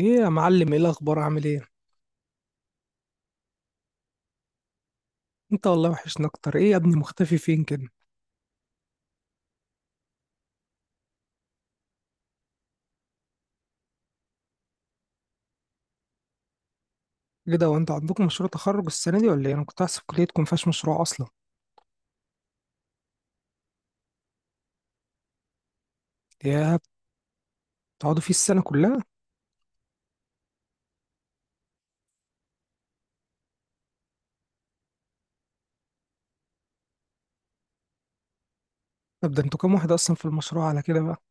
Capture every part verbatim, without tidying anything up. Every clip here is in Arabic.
ايه يا معلم، ايه الاخبار؟ عامل ايه؟ انت والله وحشنا اكتر. ايه يا ابني، مختفي فين كده؟ ايه ده، وانت عندكم مشروع تخرج السنه دي ولا ايه؟ انا كنت احسب كليتكم مفيهاش مشروع اصلا. يا بتقعدوا فيه السنه كلها؟ طب ده انتوا كام واحد اصلا في المشروع على كده بقى؟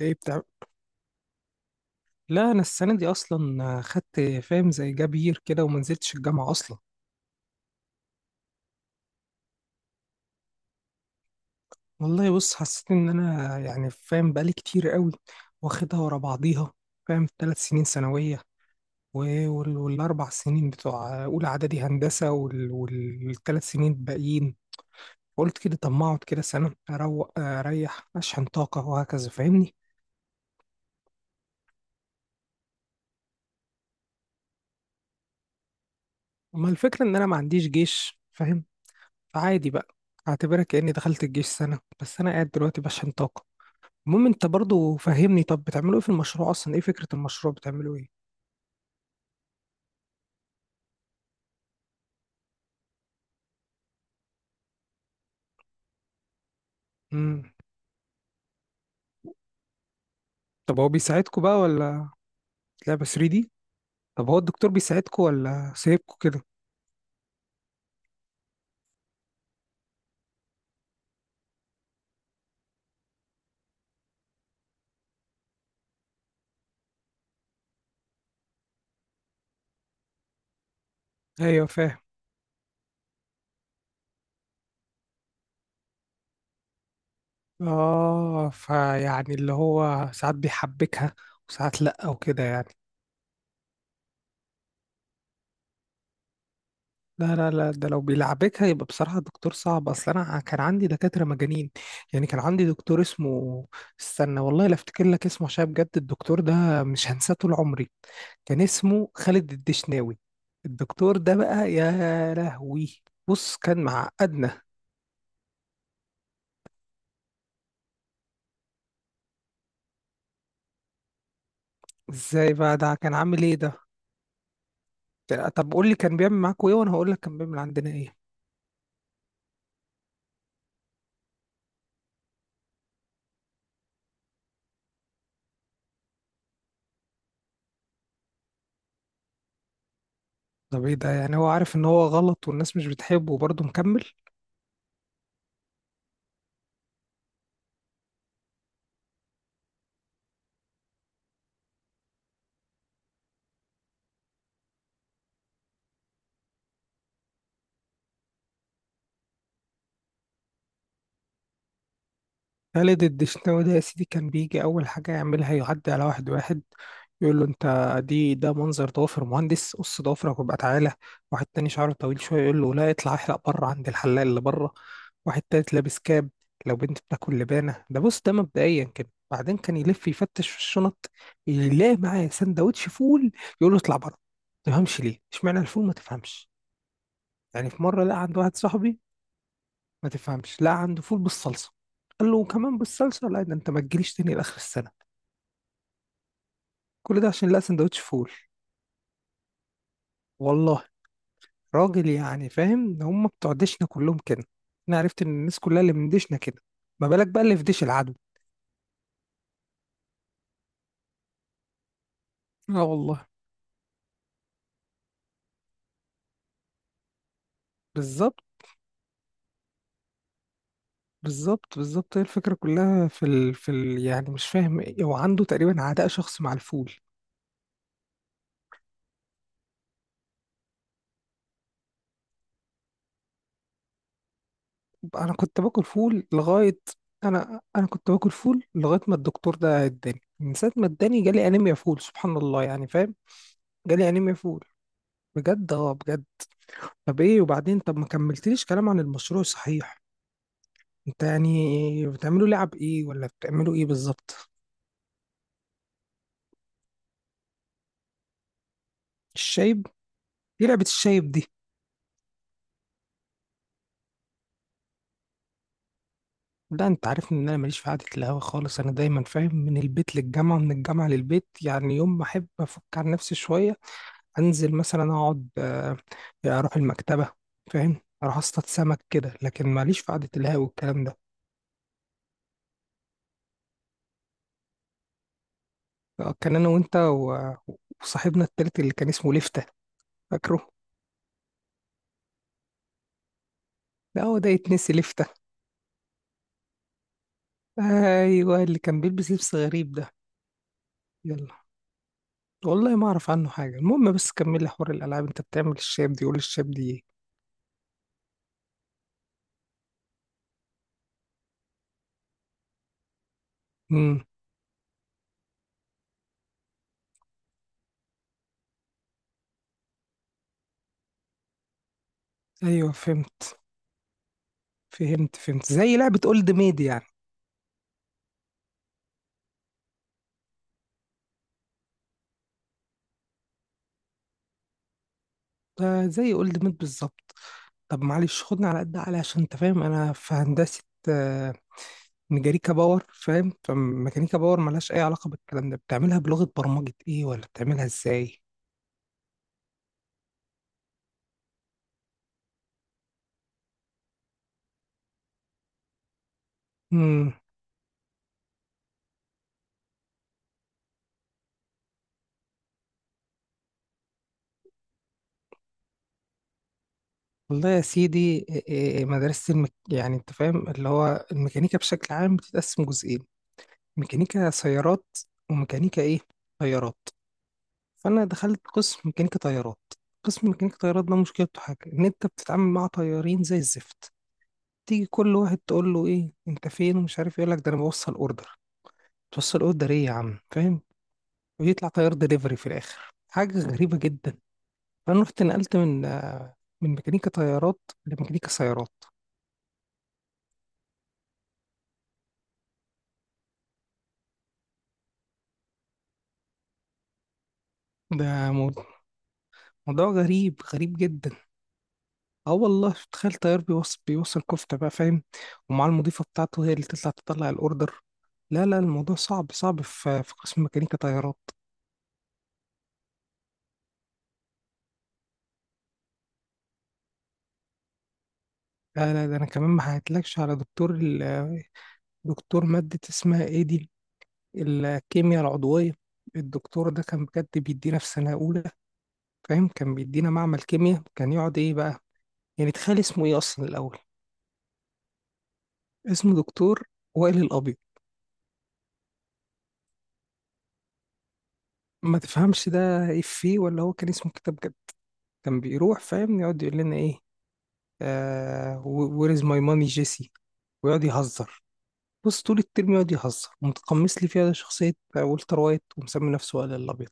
ايه بتاع. لا، انا السنه دي اصلا خدت، فاهم، زي جابير كده، وما نزلتش الجامعه اصلا. والله بص، حسيت ان انا، يعني، فاهم، بقالي كتير قوي واخدها ورا بعضيها، فاهم؟ ثلاث سنين ثانويه، و- وال- والأربع سنين بتوع أولى إعدادي هندسة، وال- والثلاث سنين الباقيين. قلت كده طب ما أقعد كده سنة أروق أريح أشحن طاقة وهكذا، فاهمني؟ أما الفكرة إن أنا ما عنديش جيش، فاهم، فعادي بقى. أعتبرها كأني دخلت الجيش سنة، بس أنا قاعد دلوقتي بشحن طاقة. المهم أنت برضو، فهمني، طب بتعملوا إيه في المشروع أصلا؟ إيه فكرة المشروع؟ بتعملوا إيه؟ مم. طب هو بيساعدكوا بقى ولا؟ لعبة ثري دي؟ طب هو الدكتور بيساعدكوا ولا سايبكوا كده؟ أيوه، فاهم. اه، فيعني اللي هو ساعات بيحبكها وساعات لأ وكده يعني. لا لا لا، ده لو بيلعبكها يبقى بصراحة دكتور صعب. أصل أنا كان عندي دكاترة مجانين. يعني كان عندي دكتور اسمه، استنى والله لا أفتكر لك اسمه، عشان بجد الدكتور ده مش هنساه طول عمري. كان اسمه خالد الدشناوي. الدكتور ده بقى، يا لهوي، بص كان معقدنا. ازاي بقى؟ ده كان عامل ايه ده؟ طب قول لي كان بيعمل معاكوا ايه، وانا هقول لك كان بيعمل عندنا ايه. طب ايه ده، يعني هو عارف ان هو غلط والناس مش بتحبه وبرضه مكمل؟ خالد الدشناوي ده يا سيدي، كان بيجي اول حاجه يعملها يعدي على واحد واحد يقول له، انت دي، ده منظر ضوافر مهندس؟ قص ضوافرك وابقى تعالى. واحد تاني شعره طويل شويه يقول له، لا اطلع احلق بره عند الحلاق اللي بره. واحد تالت لابس كاب. لو بنت بتاكل لبانه، ده بص ده مبدئيا كده. بعدين كان يلف يفتش في الشنط، يلاقي معاه سندوتش فول يقول له اطلع بره. ما تفهمش ليه. اشمعنى الفول؟ ما تفهمش. يعني في مره لقى عند واحد صاحبي، ما تفهمش، لا عنده فول بالصلصه. قال له، كمان بالصلصه؟ لا ده انت ما تجيليش تاني لاخر السنه. كل ده عشان لا سندوتش فول. والله. راجل، يعني، فاهم، هم بتوع دشنا كلهم كده. انا عرفت ان الناس كلها اللي من دشنا كده، ما بالك بقى اللي في ديش العدو. اه والله. بالظبط، بالظبط، بالظبط. هي الفكره كلها في ال... في ال... يعني مش فاهم، ايه هو عنده تقريبا عداء شخصي مع الفول. انا كنت باكل فول لغايه. انا انا كنت باكل فول لغايه ما الدكتور ده اداني. من ساعه ما اداني جالي انيميا فول، سبحان الله، يعني فاهم. جالي انيميا فول بجد، اه بجد. طب ايه وبعدين؟ طب ما كملتليش كلام عن المشروع صحيح. انت يعني بتعملوا لعب ايه ولا بتعملوا ايه بالظبط؟ الشايب؟ ايه لعبة الشايب دي؟ لا، انت عارفني ان انا ماليش في قعدة القهوة خالص. انا دايما، فاهم، من البيت للجامعة من الجامعة للبيت. يعني يوم ما احب افك عن نفسي شوية انزل مثلا اقعد، آه، اروح المكتبة، فاهم، اروح اصطاد سمك كده، لكن ماليش في قعدة القهوة والكلام ده. آه، كان انا وانت و- وصاحبنا التالت اللي كان اسمه لفتة، فاكره؟ ده هو ده يتنسي لفتة؟ ايوه، اللي كان بيلبس لبس غريب ده. يلا، والله ما اعرف عنه حاجة. المهم بس كملي حوار الالعاب، انت بتعمل الشاب دي، قول الشاب دي ايه؟ امم. ايوه فهمت، فهمت، فهمت، زي لعبة اولد ميد يعني. آه، زي اولد ميد بالظبط. طب معلش، خدنا على قد عقلي، عشان انت فاهم انا في هندسة آه ميكانيكا باور، فاهم، فميكانيكا باور ملهاش اي علاقة بالكلام ده. بتعملها بلغة برمجة ايه، ولا بتعملها ازاي؟ امم والله يا سيدي، إيه- إيه- مدرسة المك... يعني انت فاهم اللي هو الميكانيكا بشكل عام بتتقسم جزئين: ميكانيكا سيارات، وميكانيكا ايه، طيارات. فانا دخلت قسم ميكانيكا طيارات. قسم ميكانيكا طيارات ده مشكلته حاجة، ان انت بتتعامل مع طيارين زي الزفت. تيجي كل واحد تقول له، ايه انت فين ومش عارف إيه، يقول لك ده انا بوصل اوردر. توصل اوردر ايه يا عم، فاهم؟ ويطلع طيار دليفري في الاخر، حاجة غريبة جدا. فانا رحت نقلت من آه، من ميكانيكا طيارات لميكانيكا سيارات. ده موضوع غريب، غريب جدا. اه والله، تخيل طيار بيوصل بيوصل كفتة بقى، فاهم؟ ومع المضيفة بتاعته هي اللي تطلع تطلع الأوردر. لا لا، الموضوع صعب، صعب في في قسم ميكانيكا طيارات. لا لا، ده أنا كمان ما حكيتلكش على دكتور ال- دكتور مادة اسمها إيه دي، الكيمياء العضوية. الدكتور ده كان بجد بيدينا في سنة أولى، فاهم، كان بيدينا معمل كيمياء كان يقعد إيه بقى. يعني تخيل اسمه إيه أصلا الأول. اسمه دكتور وائل الأبيض. ما تفهمش ده إفيه، ولا هو كان اسمه كتاب. كان بيروح، فاهم، يقعد يقول لنا ايه، آه وير از ماي ماني جيسي. ويقعد يهزر. بص طول الترم يقعد يهزر، ومتقمص لي فيها شخصية والتر وايت، ومسمي نفسه وائل الأبيض.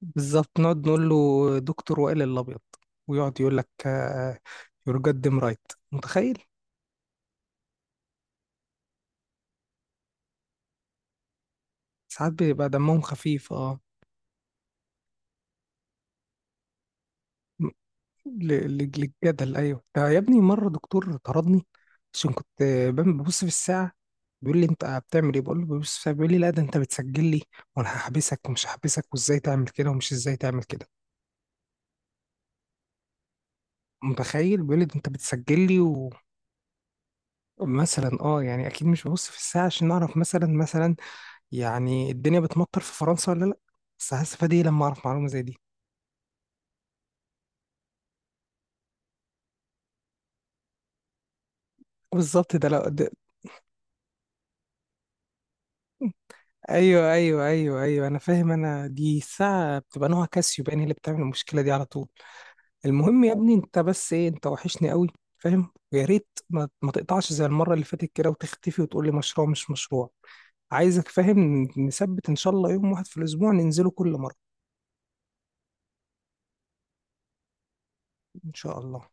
بالظبط. نقعد نقول له، دكتور وائل الأبيض. ويقعد يقول لك، يور جاد رايت. متخيل؟ ساعات بيبقى دمهم خفيف، اه. ل- ل- للجدل. ايوه ده يا ابني، مره دكتور طردني عشان كنت بم- ببص في الساعه. بيقول لي، انت بتعمل ايه؟ بقول له، ببص في الساعه. بيقول لي، لا ده انت بتسجل لي، وانا هحبسك ومش هحبسك، وازاي تعمل كده ومش ازاي تعمل كده. متخيل؟ بيقول لي ده انت بتسجل لي. ومثلا، اه يعني اكيد مش ببص في الساعه عشان اعرف مثلا، مثلا يعني الدنيا بتمطر في فرنسا ولا لا. بس هستفاد ايه لما اعرف معلومه زي دي؟ بالظبط، ده لو ده. ايوه ايوه ايوه ايوه، انا فاهم. انا دي الساعه بتبقى نوع كاسيو، باين هي اللي بتعمل المشكله دي على طول. المهم يا ابني، انت بس ايه، انت وحشني قوي، فاهم؟ ويا ريت ما, ما تقطعش زي المره اللي فاتت كده، وتختفي وتقول لي مشروع مش مشروع. عايزك، فاهم، نثبت ان شاء الله يوم واحد في الاسبوع ننزله كل مره. ان شاء الله.